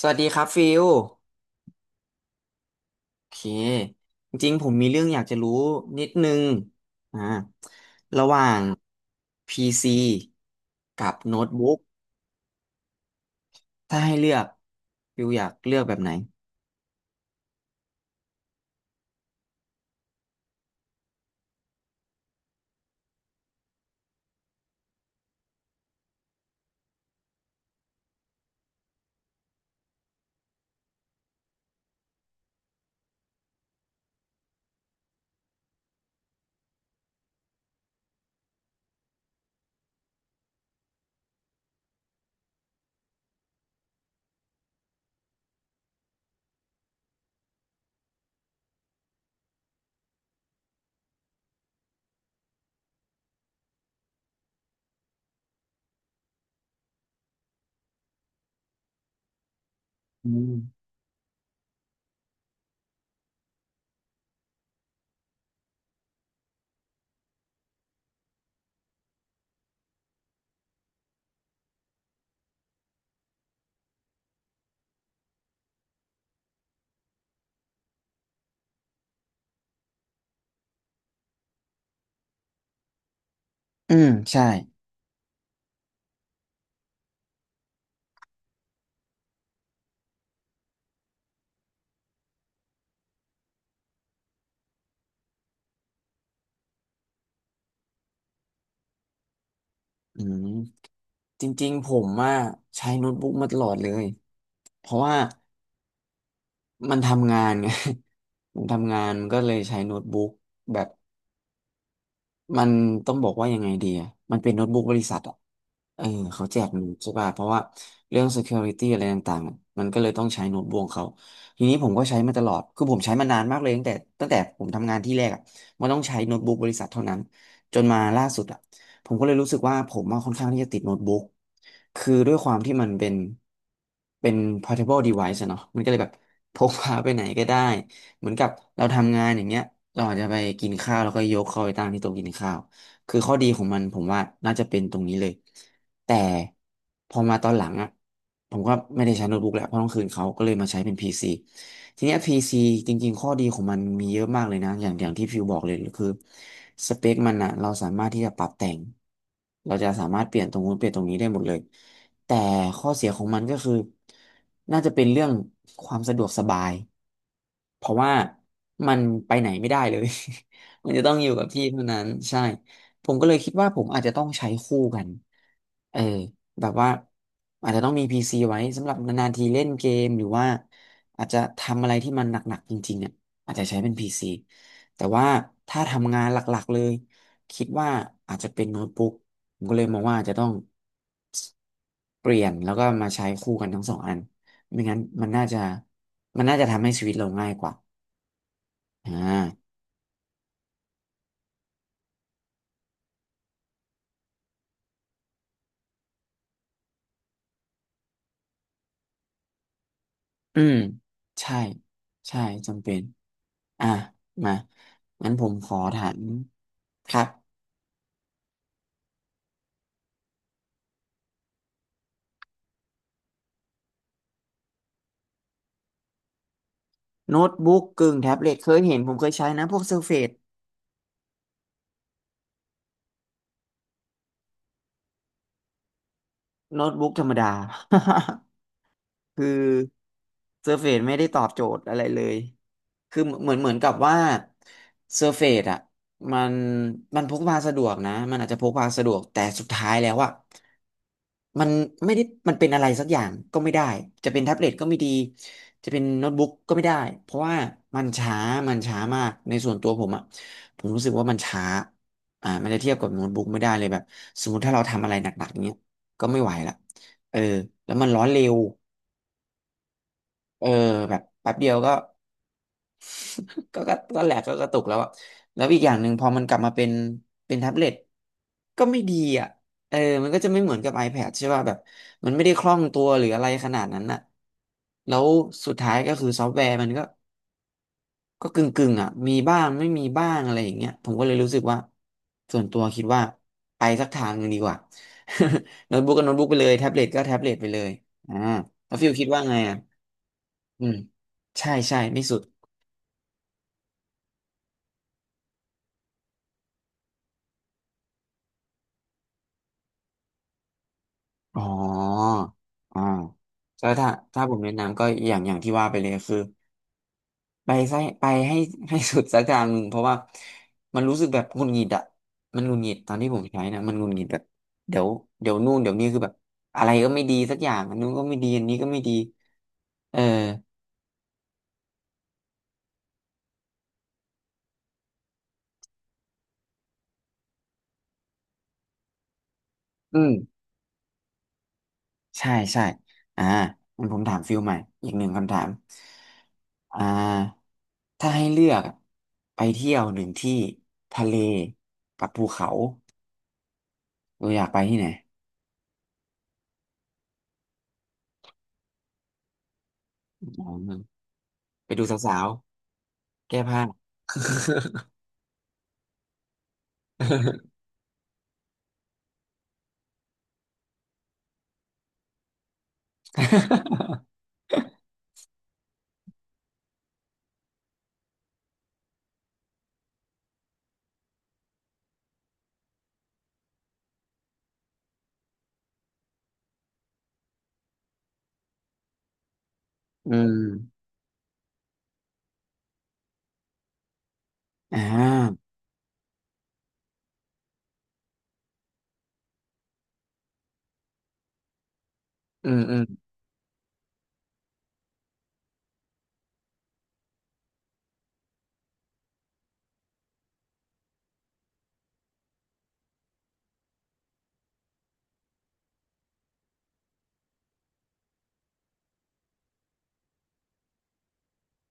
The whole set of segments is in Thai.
สวัสดีครับฟิลโอเคจริงๆผมมีเรื่องอยากจะรู้นิดนึงอ่าระหว่าง PC กับโน้ตบุ๊กถ้าให้เลือกฟิลอยากเลือกแบบไหนอืมอืมใช่อืมจริงๆผมว่าใช้โน้ตบุ๊กมาตลอดเลยเพราะว่ามันทำงานไง ผมทำงานนก็เลยใช้โน้ตบุ๊กแบบมันต้องบอกว่ายังไงดีอะมันเป็นโน้ตบุ๊กบริษัทอะ เออเขาแจกมันใช่ป่ะเพราะว่าเรื่อง security อะไรต่างๆมันก็เลยต้องใช้โน้ตบุ๊กของเขาทีนี้ผมก็ใช้มาตลอดคือผมใช้มานานมากเลยตั้งแต่ผมทำงานที่แรกอ่ะมันต้องใช้โน้ตบุ๊กบริษัทเท่านั้นจนมาล่าสุดอ่ะผมก็เลยรู้สึกว่าผมมาค่อนข้างที่จะติดโน้ตบุ๊กคือด้วยความที่มันเป็นเป็น portable device อะเนาะมันก็เลยแบบ พกพาไปไหนก็ได้เหมือนกับเราทำงานอย่างเงี้ยเราอาจจะไปกินข้าวแล้วก็ยกเข้าไปตั้งที่โต๊ะกินข้าว คือข้อดีของมันผมว่าน่าจะเป็นตรงนี้เลย แต่พอมาตอนหลังอ่ะผมก็ไม่ได้ใช้โน้ตบุ๊กแล้วเพราะต้องคืนเขาก็เลยมาใช้เป็น PC ทีเนี้ย PC จริงๆข้อดีของมันมีเยอะมากเลยนะอย่างที่ฟิวบอกเลยคือสเปคมันอ่ะเราสามารถที่จะปรับแต่งเราจะสามารถเปลี่ยนตรงนู้นเปลี่ยนตรงนี้ได้หมดเลยแต่ข้อเสียของมันก็คือน่าจะเป็นเรื่องความสะดวกสบายเพราะว่ามันไปไหนไม่ได้เลย มันจะต้องอยู่กับที่เท่านั้นใช่ ผมก็เลยคิดว่าผมอาจจะต้องใช้คู่กันเออแบบว่าอาจจะต้องมี PC ไว้สำหรับนานๆทีเล่นเกมหรือว่าอาจจะทำอะไรที่มันหนักๆจริงๆอ่ะอาจจะใช้เป็น PC แต่ว่าถ้าทำงานหลักๆเลยคิดว่าอาจจะเป็นโน้ตบุ๊กผมก็เลยมองว่าอาจจะต้องเปลี่ยนแล้วก็มาใช้คู่กันทั้งสองอันไม่งั้นมันน่าจะทำให้ชีวิตเราง่ายกว่าอ่าอืมใช่ใช่จำเป็น อ่ะมางั้นผมขอถามครับโน้ตบุ๊กกึ่งแท็บเล็ตเคยเห็นผมเคยใช้นะพวกเซอร์เฟซโน้ตบุ๊กธรรมดา คือเซอร์เฟซไม่ได้ตอบโจทย์อะไรเลยคือเหมือนกับว่าเซอร์เฟซอ่ะมันพกพาสะดวกนะมันอาจจะพกพาสะดวกแต่สุดท้ายแล้วอ่ะมันไม่ได้มันเป็นอะไรสักอย่างก็ไม่ได้จะเป็นแท็บเล็ตก็ไม่ดีจะเป็นโน้ตบุ๊กก็ไม่ได้เพราะว่ามันช้ามันช้ามากในส่วนตัวผมอ่ะผมรู้สึกว่ามันช้าอ่ามันจะเทียบกับโน้ตบุ๊กไม่ได้เลยแบบสมมติถ้าเราทำอะไรหนักๆเนี้ยก็ไม่ไหวละเออแล้วมันร้อนเร็ว เออแบบแป๊บเดียวก็ก็แหลกก็กระตุกแล้วอะแล้วอีกอย่างหนึ่งพอมันกลับมาเป็นแท็บเล็ตก็ไม่ดีอ่ะเออมันก็จะไม่เหมือนกับ iPad ใช่ป่ะแบบมันไม่ได้คล่องตัวหรืออะไรขนาดนั้นอ่ะแล้วสุดท้ายก็คือซอฟต์แวร์มันก็กึ่งกึ่งอ่ะมีบ้างไม่มีบ้างอะไรอย่างเงี้ยผมก็เลยรู้สึกว่าส่วนตัวคิดว่าไปสักทางหนึ่งดีกว่า โน้ตบุ๊กก็โน้ตบุ๊กไปเลยแท็บเล็ตก็แท็บเล็ตไปเลยอ่าแล้วฟิลคิดว่าไงอ่ะอืมใช่ใช่ไม่สุด อ๋ออ่าก็ถ้าผมแนะนำก็อย่างที่ว่าไปเลยคือไปไส้ไปให้ ให้สุดสักทางหนึ่งเพราะว่ามันรู้สึกแบบหงุดหงิดอะมันหงุดหงิดตอนที่ผมใช้นะมันหงุดหงิดแบบเดี๋ยวนู่นเดี๋ยวนี้คือแบบอะไรก็ไม่ดีสักอย่างอันนู้นก็ไม่ดีอันนี้ก็ไม่ดีเอออืมใช่ใช่อ่างั้นผมถามฟิลใหม่อีกหนึ่งคำถามอ่าถ้าให้เลือกอะไปเที่ยวหนึ่งที่ทะเลกับภูเขา เอออยากไปที่ไหนอ๋อไปดูสาวๆ แก้ผ้า อืมอ่าอืมอืม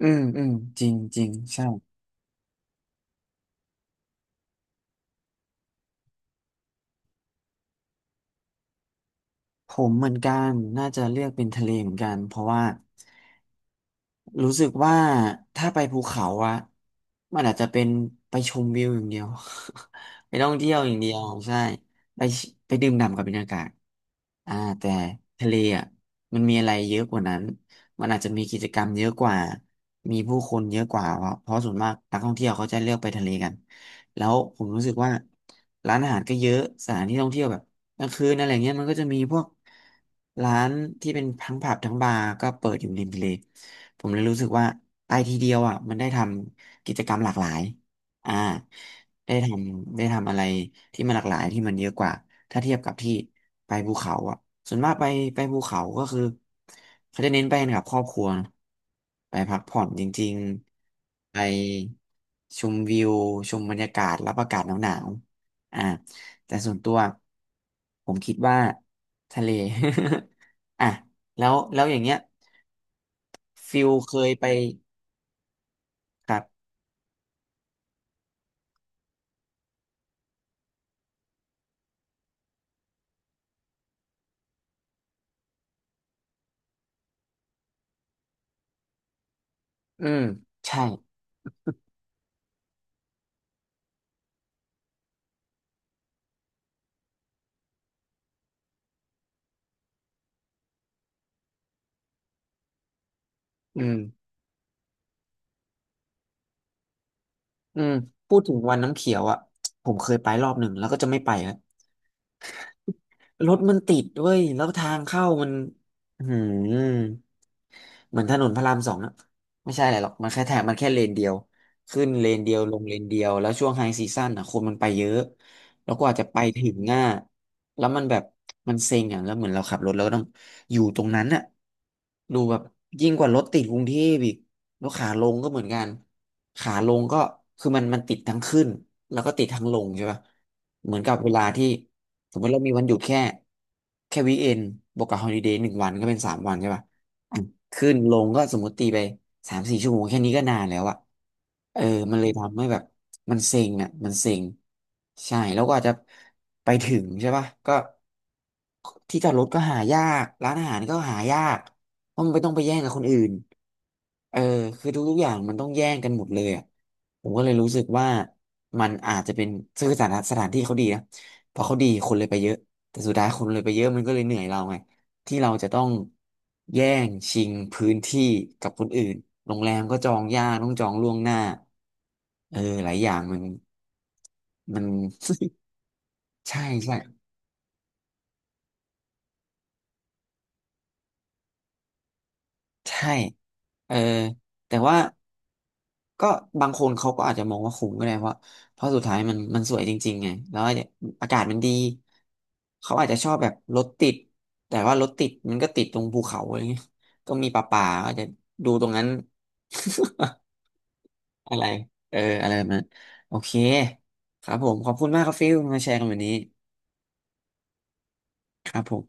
อืมอืมจริงจริงใช่ผมเหมือนกันน่าจะเลือกเป็นทะเลเหมือนกันเพราะว่า รู้สึกว่าถ้าไปภูเขาอะมันอาจจะเป็นไปชมวิวอย่างเดียว ไปท่องเที่ยวอย่างเดียวใช่ไปไปดื่มด่ำกับบรรยากาศอ่าแต่ทะเลอะมันมีอะไรเยอะกว่านั้นมันอาจจะมีกิจกรรมเยอะกว่ามีผู้คนเยอะกว่าเพราะส่วนมากนักท่องเที่ยวเขาจะเลือกไปทะเลกันแล้วผมรู้สึกว่าร้านอาหารก็เยอะสถานที่ท่องเที่ยวแบบ กลางคืนอะไรเงี้ยมันก็จะมีพวกร้านที่เป็นทั้งผับทั้งบาร์ก็เปิดอยู่ริมทะเลผมเลยรู้สึกว่าไปทีเดียวอ่ะมันได้ทำกิจกรรมหลากหลายอ่าได้ทำอะไรที่มันหลากหลายที่มันเยอะกว่าถ้าเทียบกับที่ไปภูเขาอ่ะส่วนมากไปภูเขาก็คือเขาจะเน้นไปกันกับครอบครัวนะไปพักผ่อนจริงๆไปชมวิวชมบรรยากาศรับอากาศหนาวๆแต่ส่วนตัวผมคิดว่าทะเล อ่ะแล้วอย่างเงี้ยฟิลเคยไปครับอืมใช่อืมอืมพูดถึงวันน้ำเขียวอ่ะผมเคยไปรอบหนึ่งแล้วก็จะไม่ไปแล้วรถมันติดด้วยแล้วทางเข้ามันอืม เหมือนถนนพระราม 2นะไม่ใช่อะไรหรอกมันแค่แถบมันแค่เลนเดียวขึ้นเลนเดียวลงเลนเดียวแล้วช่วงไฮซีซั่นอ่ะคนมันไปเยอะแล้วกว่าจะไปถึงง่าแล้วมันแบบมันเซ็งอ่ะแล้วเหมือนเราขับรถแล้วก็ต้องอยู่ตรงนั้นอ่ะดูแบบยิ่งกว่ารถติดกรุงเทพอีกแล้วขาลงก็เหมือนกันขาลงก็คือมันติดทั้งขึ้นแล้วก็ติดทั้งลงใช่ป่ะเหมือนกับเวลาที่สมมติเรามีวันหยุดแค่แค่วีเอนบวกกับฮอลิเดย์1 วันก็เป็น3 วันใช่ป่ะ ขึ้นลงก็สมมติตีไป3-4 ชั่วโมงแค่นี้ก็นานแล้วอะเออมันเลยทำให้แบบมันเซ็งอะมันเซ็งใช่แล้วก็อาจจะไปถึงใช่ป่ะก็ที่จอดรถก็หายากร้านอาหารก็หายากเพราะมันไม่ต้องไปแย่งกับคนอื่นเออคือทุกๆอย่างมันต้องแย่งกันหมดเลยอะผมก็เลยรู้สึกว่ามันอาจจะเป็นคือสถานที่เขาดีนะพอเขาดีคนเลยไปเยอะแต่สุดท้ายคนเลยไปเยอะมันก็เลยเหนื่อยเราไง ที่เราจะต้องแย่งชิงพื้นที่กับคนอื่นโรงแรมก็จองยากต้องจองล่วงหน้าเออหลายอย่างมัน มัน ใช่ใช่ใช่เออแต่ว่าก็บางคนเขาก็อาจจะมองว่าคุ้มก็ได้เพราะเพราะสุดท้ายมันสวยจริงๆไงแล้วอาจจะอากาศมันดี เขาอาจจะชอบแบบรถติด แต่ว่ารถติดมันก็ติดตรงภูเขาอะไรเงี้ยก็มีป่าๆก็อาจจะดูตรงนั้น อะไรเอออะไรแบบนั้นโอเค ครับผม ขอบคุณมากครับฟิลมาแชร์กันวันนี้ ครับผม